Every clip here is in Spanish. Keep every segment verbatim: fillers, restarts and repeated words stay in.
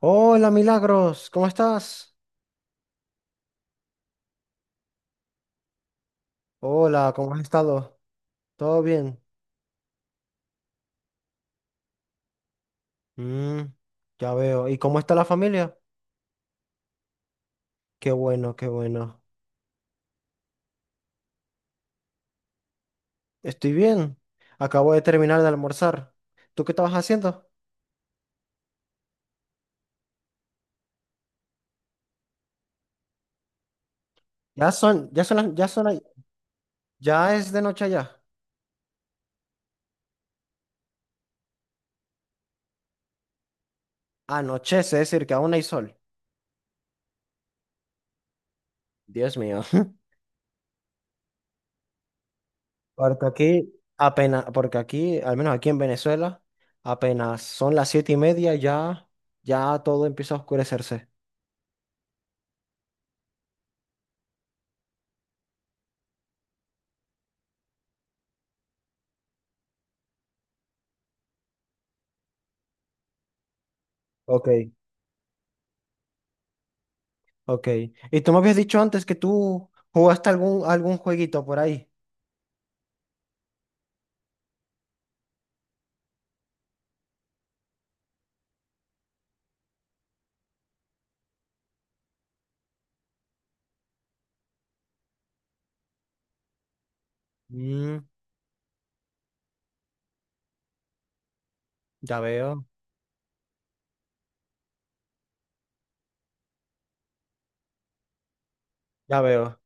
Hola, Milagros, ¿cómo estás? Hola, ¿cómo has estado? ¿Todo bien? Mm, ya veo. ¿Y cómo está la familia? Qué bueno, qué bueno. Estoy bien. Acabo de terminar de almorzar. ¿Tú qué estabas haciendo? Ya son, ya son, las- ya son, las- ya es de noche allá. Anochece, es decir, que aún hay sol. Dios mío. Porque aquí apenas, porque aquí, al menos aquí en Venezuela, apenas son las siete y media, ya, ya todo empieza a oscurecerse. Ok. Ok. Y tú me habías dicho antes que tú jugaste algún, algún jueguito por ahí. Mm, ya veo, ya veo.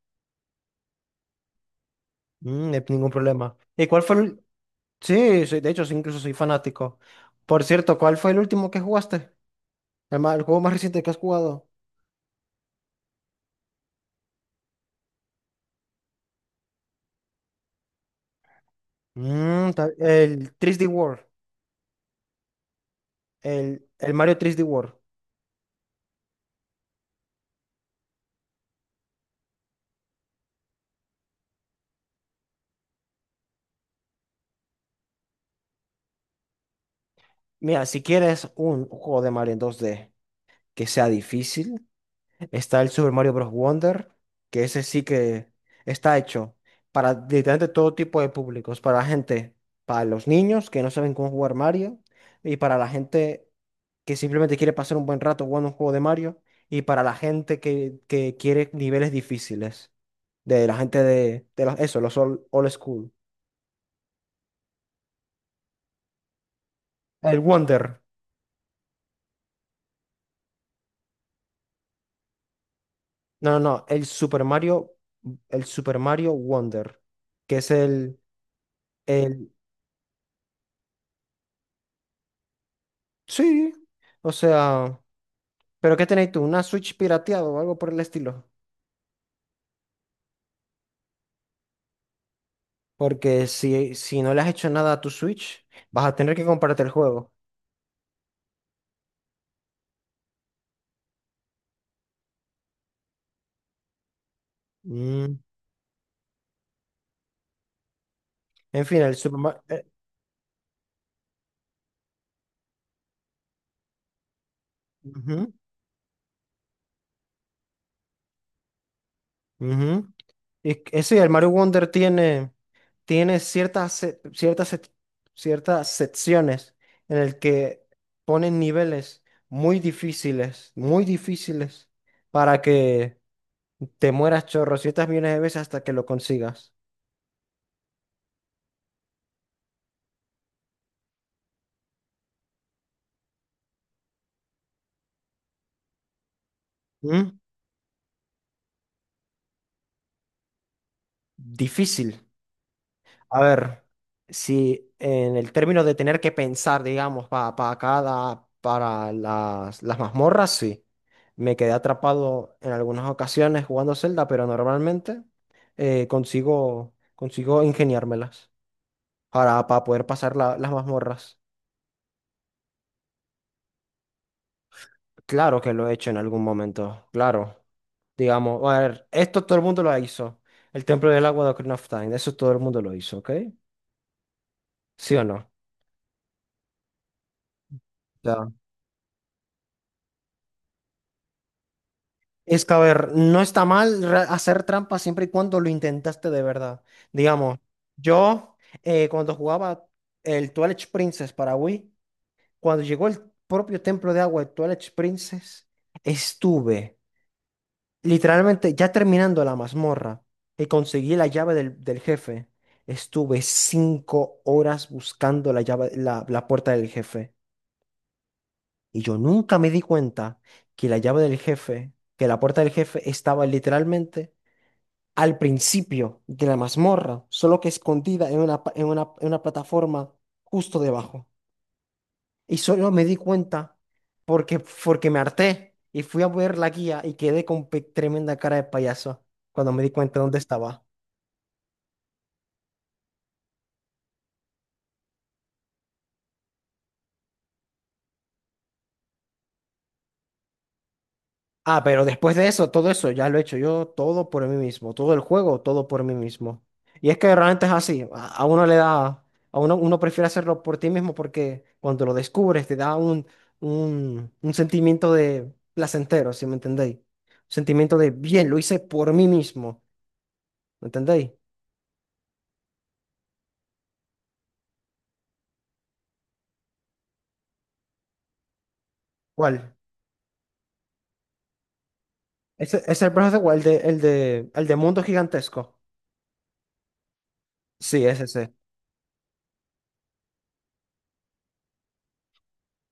Mm, no hay ningún problema. ¿Y cuál fue el... Sí, soy, de hecho, sí, incluso soy fanático. Por cierto, ¿cuál fue el último que jugaste? El, ma- el juego más reciente que has jugado. Mm, ta- El tres D World. El, el Mario tres D World. Mira, si quieres un juego de Mario en dos D que sea difícil, está el Super Mario Bros. Wonder, que ese sí que está hecho para literalmente todo tipo de públicos, para la gente, para los niños que no saben cómo jugar Mario, y para la gente que simplemente quiere pasar un buen rato jugando un juego de Mario, y para la gente que, que quiere niveles difíciles, de la gente de, de los- eso, los old, old school. El Wonder, no, no, no, el Super Mario, el Super Mario Wonder, que es el, el, sí, o sea... ¿Pero qué tenéis tú? ¿Una Switch pirateada o algo por el estilo? Porque si, si no le has hecho nada a tu Switch, vas a tener que comprarte el juego. Mm, En fin, el Super Mario... Y que- sí, el Mario Wonder tiene, tiene ciertas, se- ciertas, sec- ciertas secciones en el que ponen niveles muy difíciles, muy difíciles, para que te mueras chorro ciertas millones de veces hasta que lo consigas. Mm, Difícil. A ver, si en el término de tener que pensar, digamos, para cada, para las, las mazmorras, sí. Me quedé atrapado en algunas ocasiones jugando Zelda, pero normalmente eh, consigo, consigo ingeniármelas para, para poder pasar la- las mazmorras. Claro que lo he hecho en algún momento, claro. Digamos, a ver, esto todo el mundo lo hizo. El Templo del Agua de Ocarina of Time, eso todo el mundo lo hizo, ¿ok? ¿Sí o no? Es que, a ver, no está mal re- hacer trampa siempre y cuando lo intentaste de verdad. Digamos, yo eh, cuando jugaba el Twilight Princess para Wii, cuando llegó el propio templo de agua de Twilight Princess, estuve literalmente ya terminando la mazmorra y conseguí la llave del, del jefe. Estuve cinco horas buscando la llave, la, la puerta del jefe. Y yo nunca me di cuenta que la llave del jefe, que la puerta del jefe estaba literalmente al principio de la mazmorra, solo que escondida en una, pa- en una, en una plataforma justo debajo. Y solo me di cuenta porque, porque me harté y fui a ver la guía y quedé con pe- tremenda cara de payaso cuando me di cuenta dónde estaba. Ah, pero después de eso, todo eso ya lo he hecho yo todo por mí mismo, todo el juego, todo por mí mismo. Y es que realmente es así, a, a uno le da, a uno, uno prefiere hacerlo por ti mismo porque cuando lo descubres te da un, un, un sentimiento de placentero, ¿si me entendéis? Un sentimiento de bien, lo hice por mí mismo, ¿me entendéis? ¿Cuál? Ese es el proceso, ¿cuál? El de, el de, el de mundo gigantesco. Sí, es ese.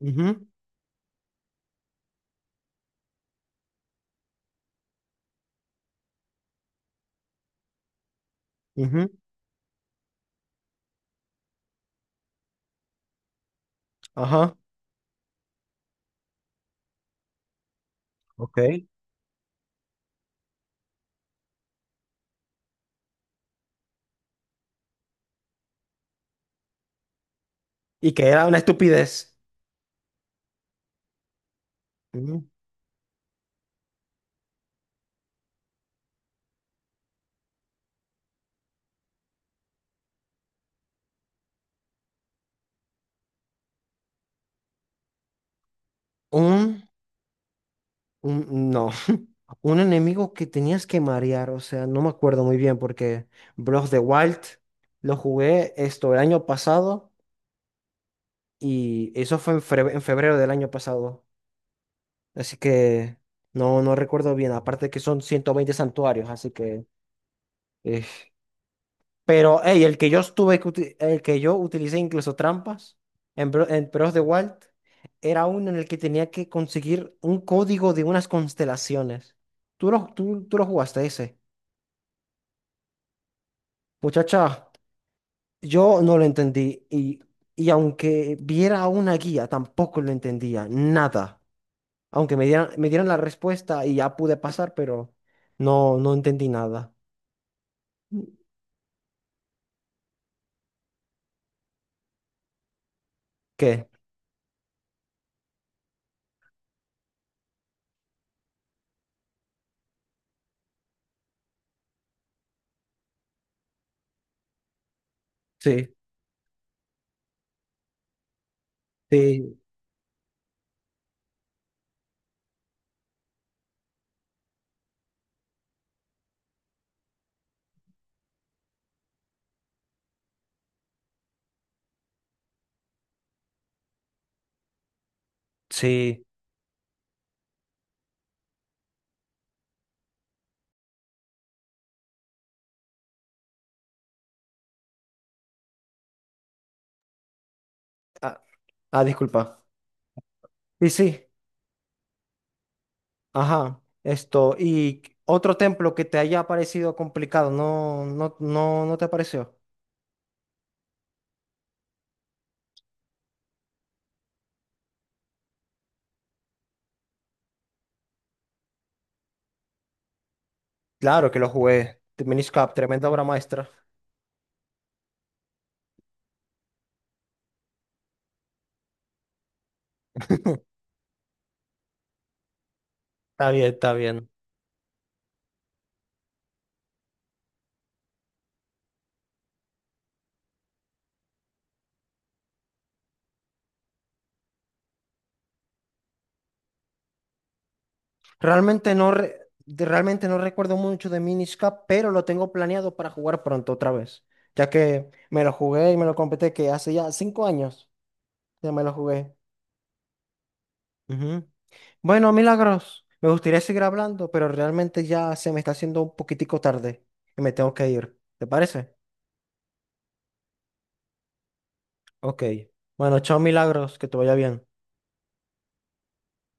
Ujú, ujú. Ajá. Ok. Y que era una estupidez. Ujú. Un Un- No, un enemigo que tenías que marear, o sea, no me acuerdo muy bien porque Breath de Wild lo jugué esto el año pasado y eso fue en fre- en febrero del año pasado, así que no, no recuerdo bien, aparte que son ciento veinte santuarios, así que... eh, Pero, hey, el que yo estuve, que uti- el que yo utilicé incluso trampas en, Bro- en Breath de Wild era uno en el que tenía que conseguir un código de unas constelaciones. ¿Tú lo, tú, tú lo jugaste ese? Muchacha, yo no lo entendí y, y aunque viera una guía, tampoco lo entendía, nada. Aunque me dieran, me dieran la respuesta y ya pude pasar, pero no, no entendí nada. ¿Qué? Sí, sí, sí. Ah, ah, disculpa. Y sí, ajá, esto. ¿Y otro templo que te haya parecido complicado? No, no, no, no te pareció. Claro que lo jugué. Minish Cap, tremenda obra maestra. Está bien, está bien. Realmente no, re- de- realmente no recuerdo mucho de Minish pero lo tengo planeado para jugar pronto otra vez, ya que me lo jugué y me lo completé que hace ya cinco años que me lo jugué. Ujú. Bueno, Milagros, me gustaría seguir hablando, pero realmente ya se me está haciendo un poquitico tarde y me tengo que ir. ¿Te parece? Ok. Bueno, chao, Milagros, que te vaya bien.